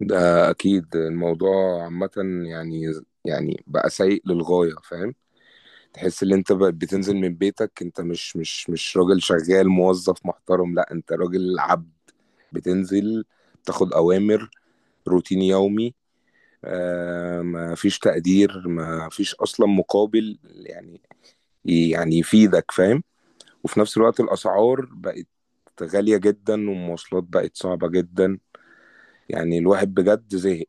ده اكيد الموضوع عامه. يعني يعني بقى سيء للغايه، فاهم؟ تحس ان انت بقى بتنزل من بيتك، انت مش راجل شغال موظف محترم، لا انت راجل عبد. بتنزل، تاخد اوامر، روتين يومي. آه، ما فيش تقدير، ما فيش اصلا مقابل، يعني يفيدك، فاهم؟ وفي نفس الوقت الاسعار بقت غاليه جدا، والمواصلات بقت صعبه جدا. يعني الواحد بجد زهق.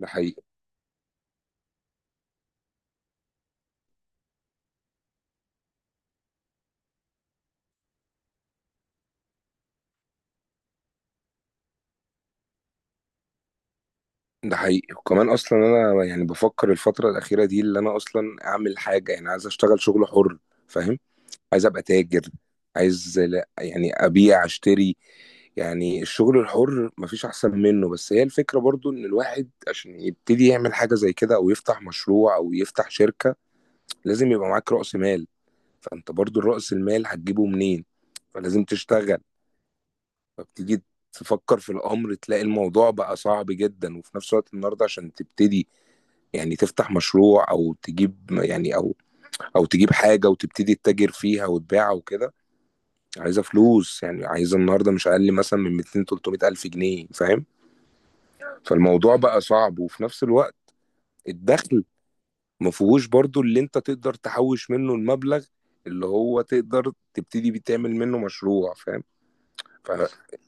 ده حقيقي. ده حقيقي، وكمان اصلا انا يعني بفكر الفتره الاخيره دي اللي انا اصلا اعمل حاجه، يعني عايز اشتغل شغل حر، فاهم؟ عايز ابقى تاجر، عايز لا يعني ابيع اشتري. يعني الشغل الحر مفيش احسن منه، بس هي الفكره برضو ان الواحد عشان يبتدي يعمل حاجه زي كده، او يفتح مشروع، او يفتح شركه لازم يبقى معاك رأس مال. فانت برضو رأس المال هتجيبه منين؟ فلازم تشتغل. فبتيجي تفكر في الامر، تلاقي الموضوع بقى صعب جدا. وفي نفس الوقت النهارده عشان تبتدي يعني تفتح مشروع او تجيب، يعني او تجيب حاجه وتبتدي تتاجر فيها وتبيعها وكده، عايزه فلوس. يعني عايزه النهارده مش اقل مثلا من 200 300 الف جنيه، فاهم؟ فالموضوع بقى صعب. وفي نفس الوقت الدخل ما فيهوش برضو اللي انت تقدر تحوش منه المبلغ، اللي هو تقدر تبتدي بيه تعمل منه مشروع، فاهم؟ فبقى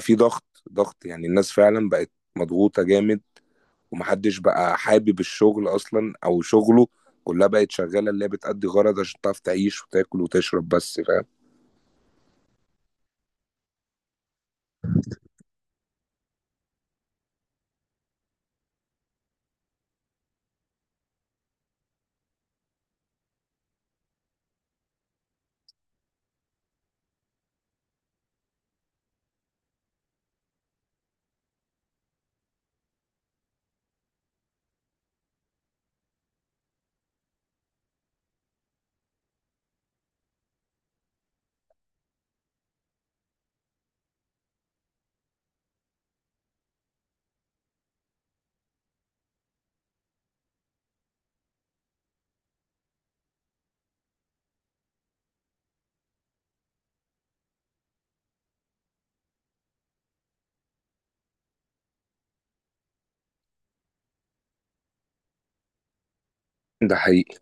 في ضغط ضغط، يعني الناس فعلا بقت مضغوطه جامد، ومحدش بقى حابب الشغل أصلا أو شغله. كلها بقت شغالة اللي هي بتأدي غرض عشان تعرف تعيش وتاكل وتشرب بس، فاهم؟ ده حقيقي.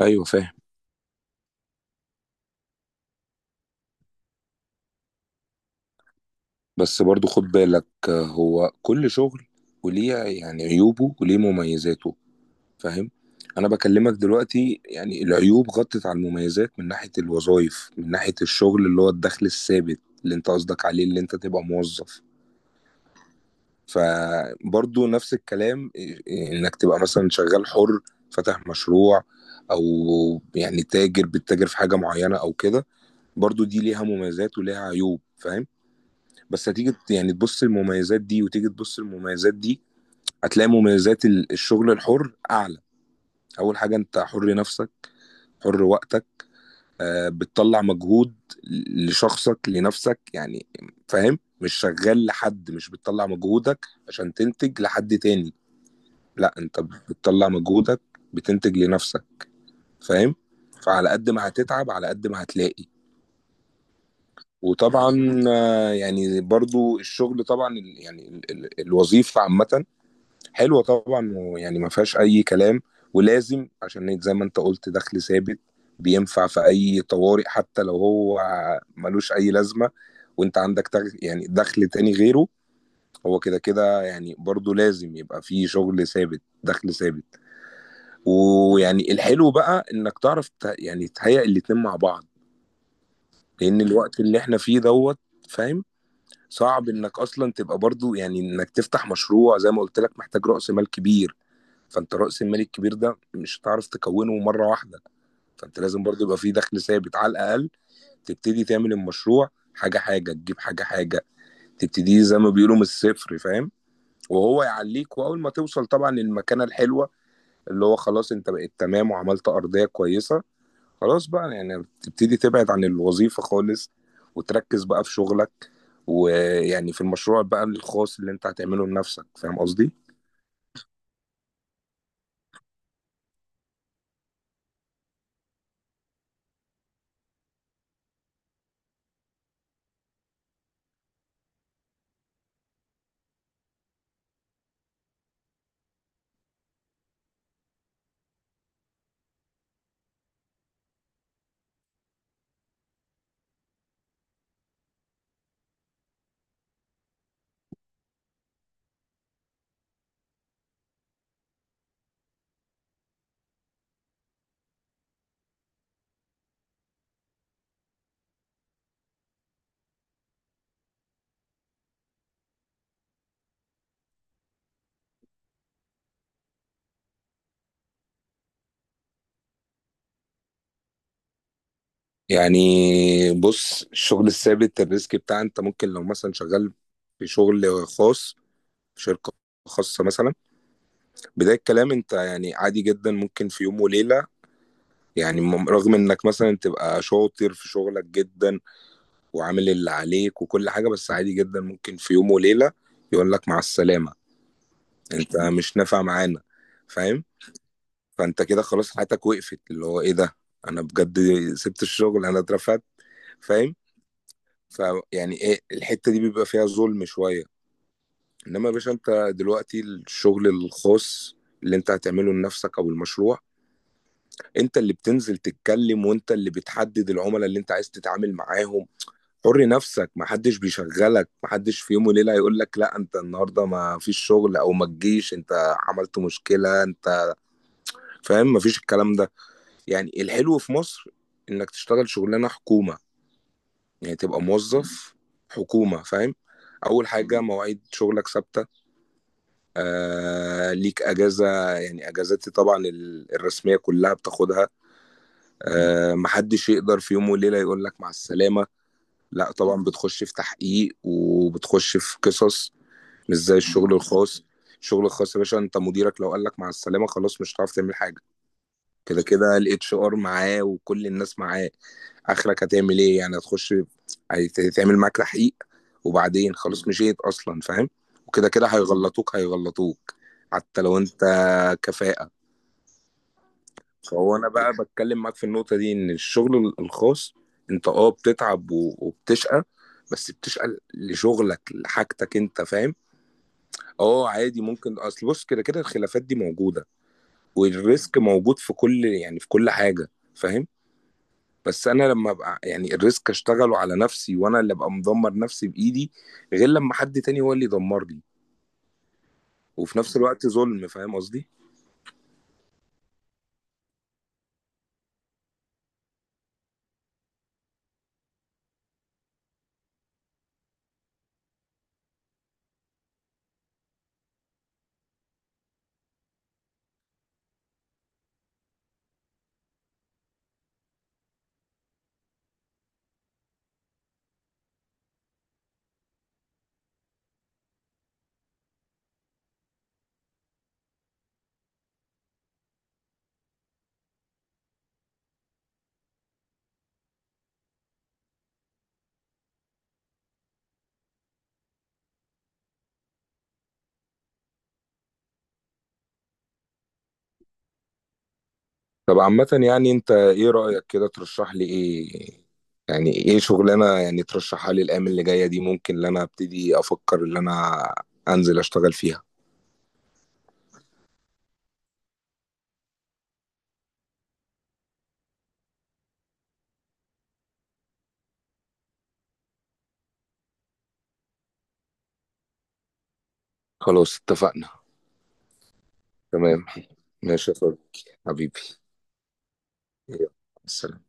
أيوة فاهم. بس برضو خد بالك، آه، هو كل شغل وليه يعني عيوبه وليه مميزاته، فاهم؟ أنا بكلمك دلوقتي يعني العيوب غطت على المميزات، من ناحية الوظائف، من ناحية الشغل اللي هو الدخل الثابت اللي انت قصدك عليه اللي انت تبقى موظف. فبرضو نفس الكلام إيه، انك تبقى مثلا شغال حر، فاتح مشروع، او يعني تاجر بتتاجر في حاجة معينة او كده. برضو دي ليها مميزات وليها عيوب، فاهم؟ بس هتيجي يعني تبص المميزات دي وتيجي تبص المميزات دي، هتلاقي مميزات الشغل الحر اعلى. اول حاجة انت حر نفسك، حر وقتك. آه، بتطلع مجهود لشخصك لنفسك يعني، فاهم؟ مش شغال لحد، مش بتطلع مجهودك عشان تنتج لحد تاني. لا انت بتطلع مجهودك بتنتج لنفسك، فاهم؟ فعلى قد ما هتتعب على قد ما هتلاقي. وطبعا آه، يعني برضو الشغل طبعا الوظيفة عامة حلوة طبعا، ويعني ما فيهاش أي كلام. ولازم عشان إيه؟ زي ما انت قلت دخل ثابت بينفع في أي طوارئ، حتى لو هو ملوش أي لازمة وانت عندك يعني دخل تاني غيره. هو كده كده يعني برضو لازم يبقى فيه شغل ثابت، دخل ثابت. ويعني الحلو بقى انك تعرف يعني تهيئ الاتنين مع بعض. لان الوقت اللي احنا فيه دوت، فاهم؟ صعب انك اصلا تبقى برضو يعني انك تفتح مشروع زي ما قلت لك محتاج رأس مال كبير. فانت رأس المال الكبير ده مش هتعرف تكونه مرة واحدة. فانت لازم برضو يبقى فيه دخل ثابت على الاقل تبتدي تعمل المشروع، حاجة حاجة، تجيب حاجة حاجة، تبتدي زي ما بيقولوا من الصفر، فاهم؟ وهو يعليك، واول ما توصل طبعا للمكانة الحلوة اللي هو خلاص انت بقيت تمام وعملت ارضية كويسة، خلاص بقى يعني تبتدي تبعد عن الوظيفة خالص وتركز بقى في شغلك، ويعني في المشروع بقى الخاص اللي انت هتعمله لنفسك، فاهم قصدي؟ يعني بص الشغل الثابت الريسك بتاع انت ممكن لو مثلا شغال في شغل خاص، في شركة خاصة مثلا. بداية الكلام انت يعني عادي جدا ممكن في يوم وليلة، يعني رغم انك مثلا تبقى شاطر في شغلك جدا وعامل اللي عليك وكل حاجة، بس عادي جدا ممكن في يوم وليلة يقول لك مع السلامة. انت مش نافع معانا، فاهم؟ فانت كده خلاص حياتك وقفت، اللي هو ايه ده، انا بجد سبت الشغل، انا اترفدت، فاهم؟ فيعني ايه، الحتة دي بيبقى فيها ظلم شوية. انما يا باشا انت دلوقتي الشغل الخاص اللي انت هتعمله لنفسك او المشروع، انت اللي بتنزل تتكلم وانت اللي بتحدد العملاء اللي انت عايز تتعامل معاهم. حر نفسك، محدش بيشغلك، محدش في يوم وليلة هيقول لك لا انت النهارده ما فيش شغل، او ما تجيش انت عملت مشكلة انت، فاهم؟ مفيش الكلام ده. يعني الحلو في مصر انك تشتغل شغلانه حكومه، يعني تبقى موظف حكومه، فاهم؟ اول حاجه مواعيد شغلك ثابته. آه ليك اجازه، يعني اجازاتي طبعا الرسميه كلها بتاخدها. آه محدش يقدر في يوم وليله يقول لك مع السلامه. لا طبعا بتخش في تحقيق وبتخش في قصص. مش زي الشغل الخاص. الشغل الخاص يا باشا انت مديرك لو قال لك مع السلامه خلاص مش هتعرف تعمل حاجه. كده كده الاتش ار معاه وكل الناس معاه. اخرك هتعمل ايه؟ يعني هتخش، هيتعمل معاك تحقيق، وبعدين خلاص مشيت اصلا، فاهم؟ وكده كده هيغلطوك هيغلطوك حتى لو انت كفاءة. فهو انا بقى بتكلم معاك في النقطة دي ان الشغل الخاص انت اه بتتعب وبتشقى، بس بتشقى لشغلك لحاجتك انت، فاهم؟ اه عادي ممكن، اصل بص كده كده الخلافات دي موجودة، والريسك موجود في كل يعني في كل حاجة، فاهم؟ بس انا لما ابقى يعني الريسك اشتغله على نفسي وانا اللي ابقى مدمر نفسي بايدي، غير لما حد تاني هو اللي يدمر لي وفي نفس الوقت ظلم، فاهم قصدي؟ طب عامة يعني انت ايه رأيك كده؟ ترشح لي ايه؟ يعني ايه شغلانة يعني ترشحها لي الايام اللي جاية دي ممكن ان انا ابتدي افكر ان انا انزل اشتغل فيها. خلاص اتفقنا. تمام. ماشي يا صديقي حبيبي. يلا، سلام.